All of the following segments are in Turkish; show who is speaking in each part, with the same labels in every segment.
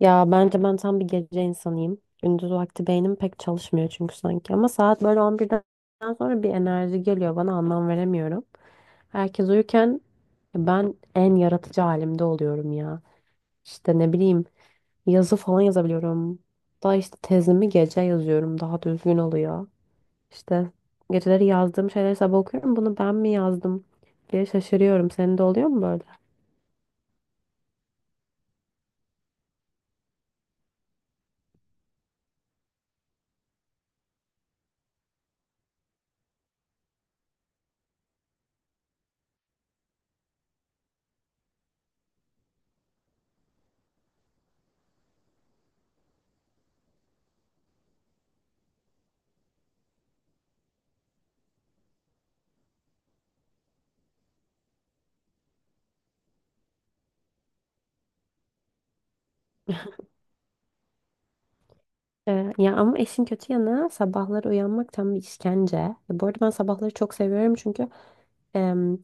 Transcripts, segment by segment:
Speaker 1: Ya bence ben tam bir gece insanıyım. Gündüz vakti beynim pek çalışmıyor çünkü sanki. Ama saat böyle on birden sonra bir enerji geliyor bana anlam veremiyorum. Herkes uyurken ben en yaratıcı halimde oluyorum ya. İşte ne bileyim yazı falan yazabiliyorum. Daha işte tezimi gece yazıyorum daha düzgün oluyor. İşte geceleri yazdığım şeyleri sabah okuyorum. Bunu ben mi yazdım diye şaşırıyorum. Senin de oluyor mu böyle? Ya ama işin kötü yanı sabahları uyanmak tam bir işkence. Ya bu arada ben sabahları çok seviyorum çünkü em,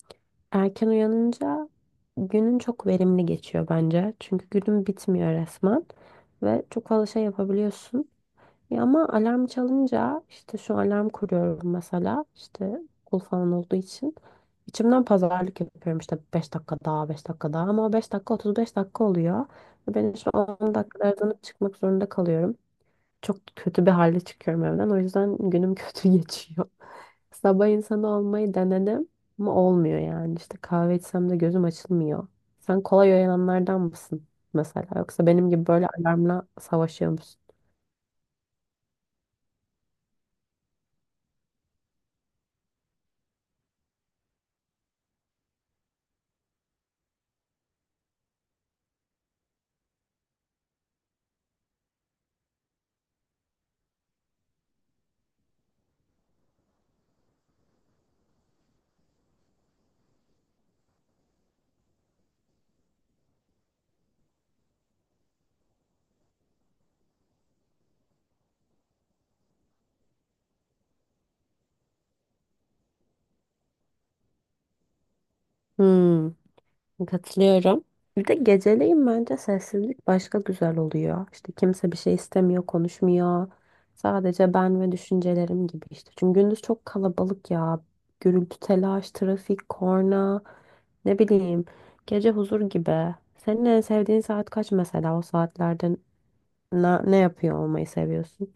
Speaker 1: erken uyanınca günün çok verimli geçiyor bence. Çünkü günün bitmiyor resmen ve çok fazla şey yapabiliyorsun. Ya ama alarm çalınca işte şu alarm kuruyorum mesela işte okul falan olduğu için. İçimden pazarlık yapıyorum işte 5 dakika daha 5 dakika daha ama o 5 dakika 35 dakika oluyor. Ve ben şu 10 dakikada uzanıp çıkmak zorunda kalıyorum, çok kötü bir halde çıkıyorum evden. O yüzden günüm kötü geçiyor. Sabah insanı olmayı denedim ama olmuyor yani. İşte kahve içsem de gözüm açılmıyor. Sen kolay uyananlardan mısın mesela? Yoksa benim gibi böyle alarmla savaşıyor musun? Hmm. Katılıyorum. Bir de geceleyin bence sessizlik başka güzel oluyor. İşte kimse bir şey istemiyor, konuşmuyor. Sadece ben ve düşüncelerim gibi işte. Çünkü gündüz çok kalabalık ya. Gürültü, telaş, trafik, korna, ne bileyim. Gece huzur gibi. Senin en sevdiğin saat kaç mesela? O saatlerde ne yapıyor olmayı seviyorsun?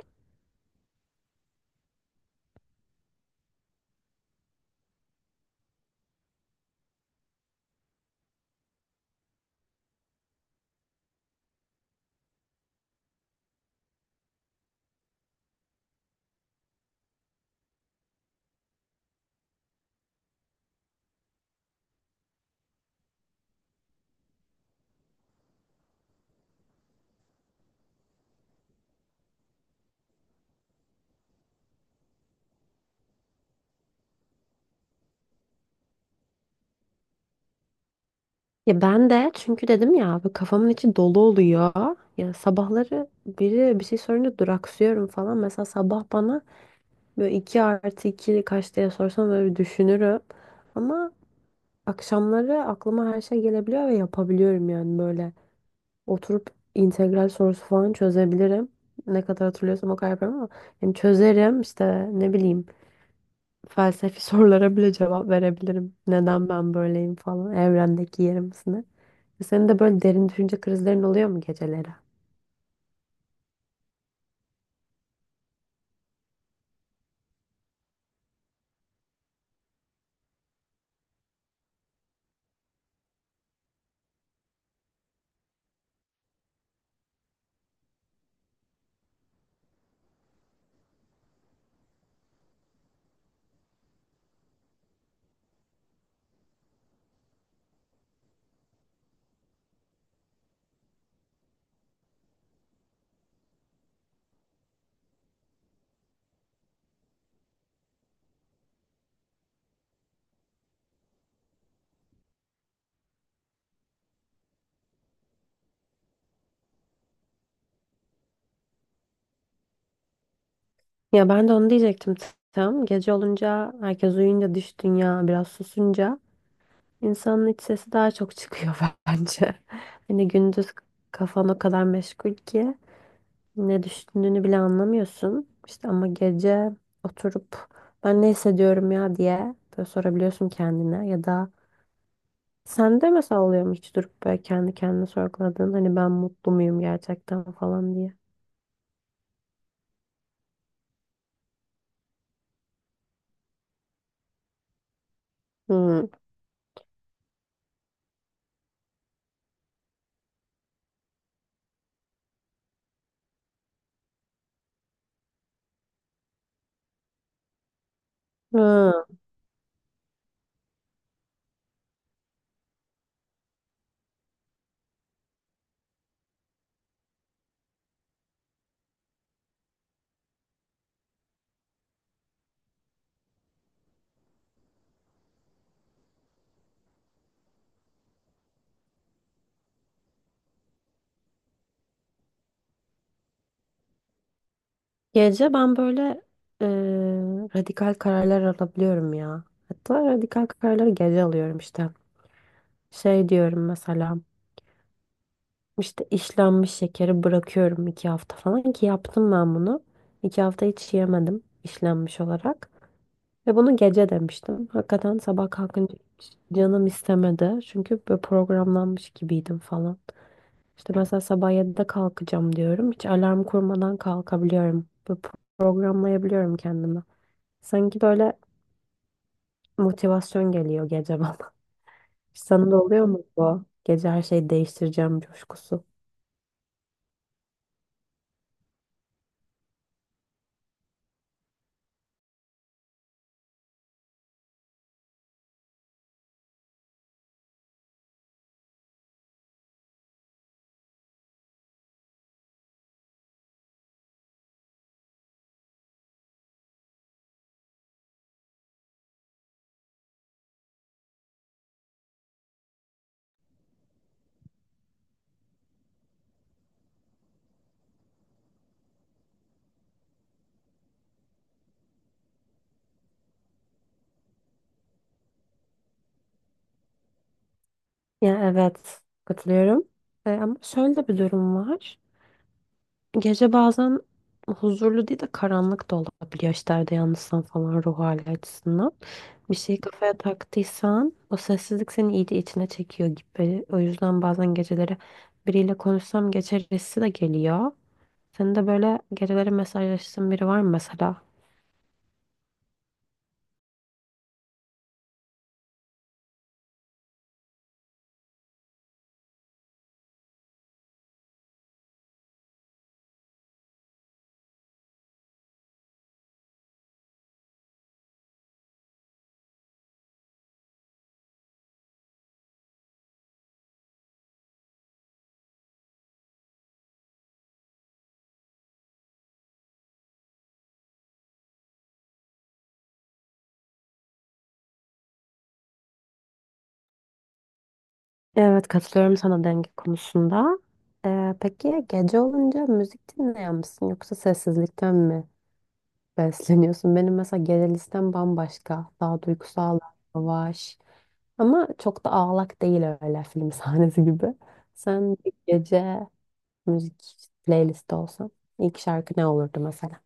Speaker 1: Ya ben de çünkü dedim ya bu kafamın içi dolu oluyor. Ya sabahları biri bir şey sorunca duraksıyorum falan. Mesela sabah bana böyle 2 artı 2 kaç diye sorsam böyle bir düşünürüm. Ama akşamları aklıma her şey gelebiliyor ve yapabiliyorum yani böyle. Oturup integral sorusu falan çözebilirim. Ne kadar hatırlıyorsam o kadar yaparım ama yani çözerim işte ne bileyim felsefi sorulara bile cevap verebilirim. Neden ben böyleyim falan. Evrendeki yerimiz ne? Senin de böyle derin düşünce krizlerin oluyor mu geceleri? Ya ben de onu diyecektim tam. Gece olunca, herkes uyuyunca, dış dünya biraz susunca insanın iç sesi daha çok çıkıyor bence. Hani gündüz kafan o kadar meşgul ki ne düşündüğünü bile anlamıyorsun. İşte ama gece oturup ben ne hissediyorum ya diye böyle sorabiliyorsun kendine, ya da sende mesela oluyor mu hiç durup böyle kendi kendine sorguladığın hani ben mutlu muyum gerçekten falan diye. Hmm. Hı. Gece ben böyle e, radikal kararlar alabiliyorum ya. Hatta radikal kararları gece alıyorum işte. Şey diyorum mesela işte işlenmiş şekeri bırakıyorum iki hafta falan ki yaptım ben bunu. İki hafta hiç yemedim işlenmiş olarak. Ve bunu gece demiştim. Hakikaten sabah kalkınca hiç canım istemedi. Çünkü böyle programlanmış gibiydim falan. İşte mesela sabah 7'de kalkacağım diyorum. Hiç alarm kurmadan kalkabiliyorum. Böyle programlayabiliyorum kendimi. Sanki böyle motivasyon geliyor gece bana. Sana da oluyor mu bu? Gece her şeyi değiştireceğim coşkusu. Ya evet, katılıyorum. Ama şöyle de bir durum var. Gece bazen huzurlu değil de karanlık da olabiliyor. İşte evde yalnızsan falan ruh hali açısından. Bir şeyi kafaya taktıysan o sessizlik seni iyice içine çekiyor gibi. O yüzden bazen geceleri biriyle konuşsam geçer hissi de geliyor. Senin de böyle geceleri mesajlaştığın biri var mı mesela? Evet, katılıyorum sana denge konusunda. Peki gece olunca müzik dinleyen misin, yoksa sessizlikten mi besleniyorsun? Benim mesela genel listem bambaşka. Daha duygusal, yavaş. Ama çok da ağlak değil, öyle film sahnesi gibi. Sen bir gece müzik playlisti olsan ilk şarkı ne olurdu mesela?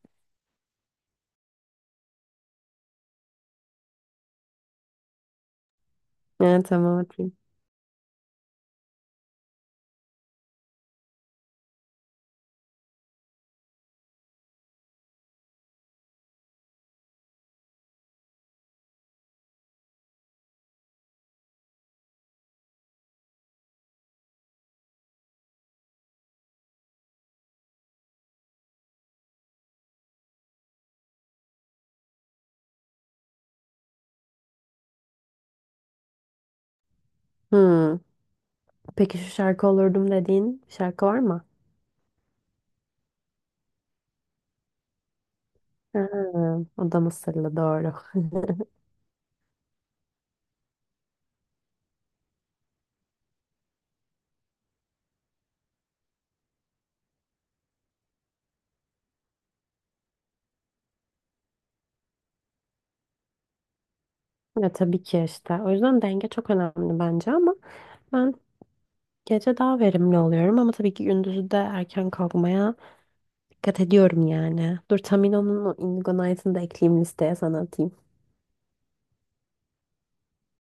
Speaker 1: Evet, tamam, atayım. Hmm. Peki şu şarkı olurdum dediğin şarkı var mı? Ha, o da Mısırlı doğru. Ya tabii ki işte. O yüzden denge çok önemli bence, ama ben gece daha verimli oluyorum, ama tabii ki gündüzü de erken kalkmaya dikkat ediyorum yani. Dur, Tamino'nun o Indigo Knight'ını da ekleyeyim listeye, sana atayım.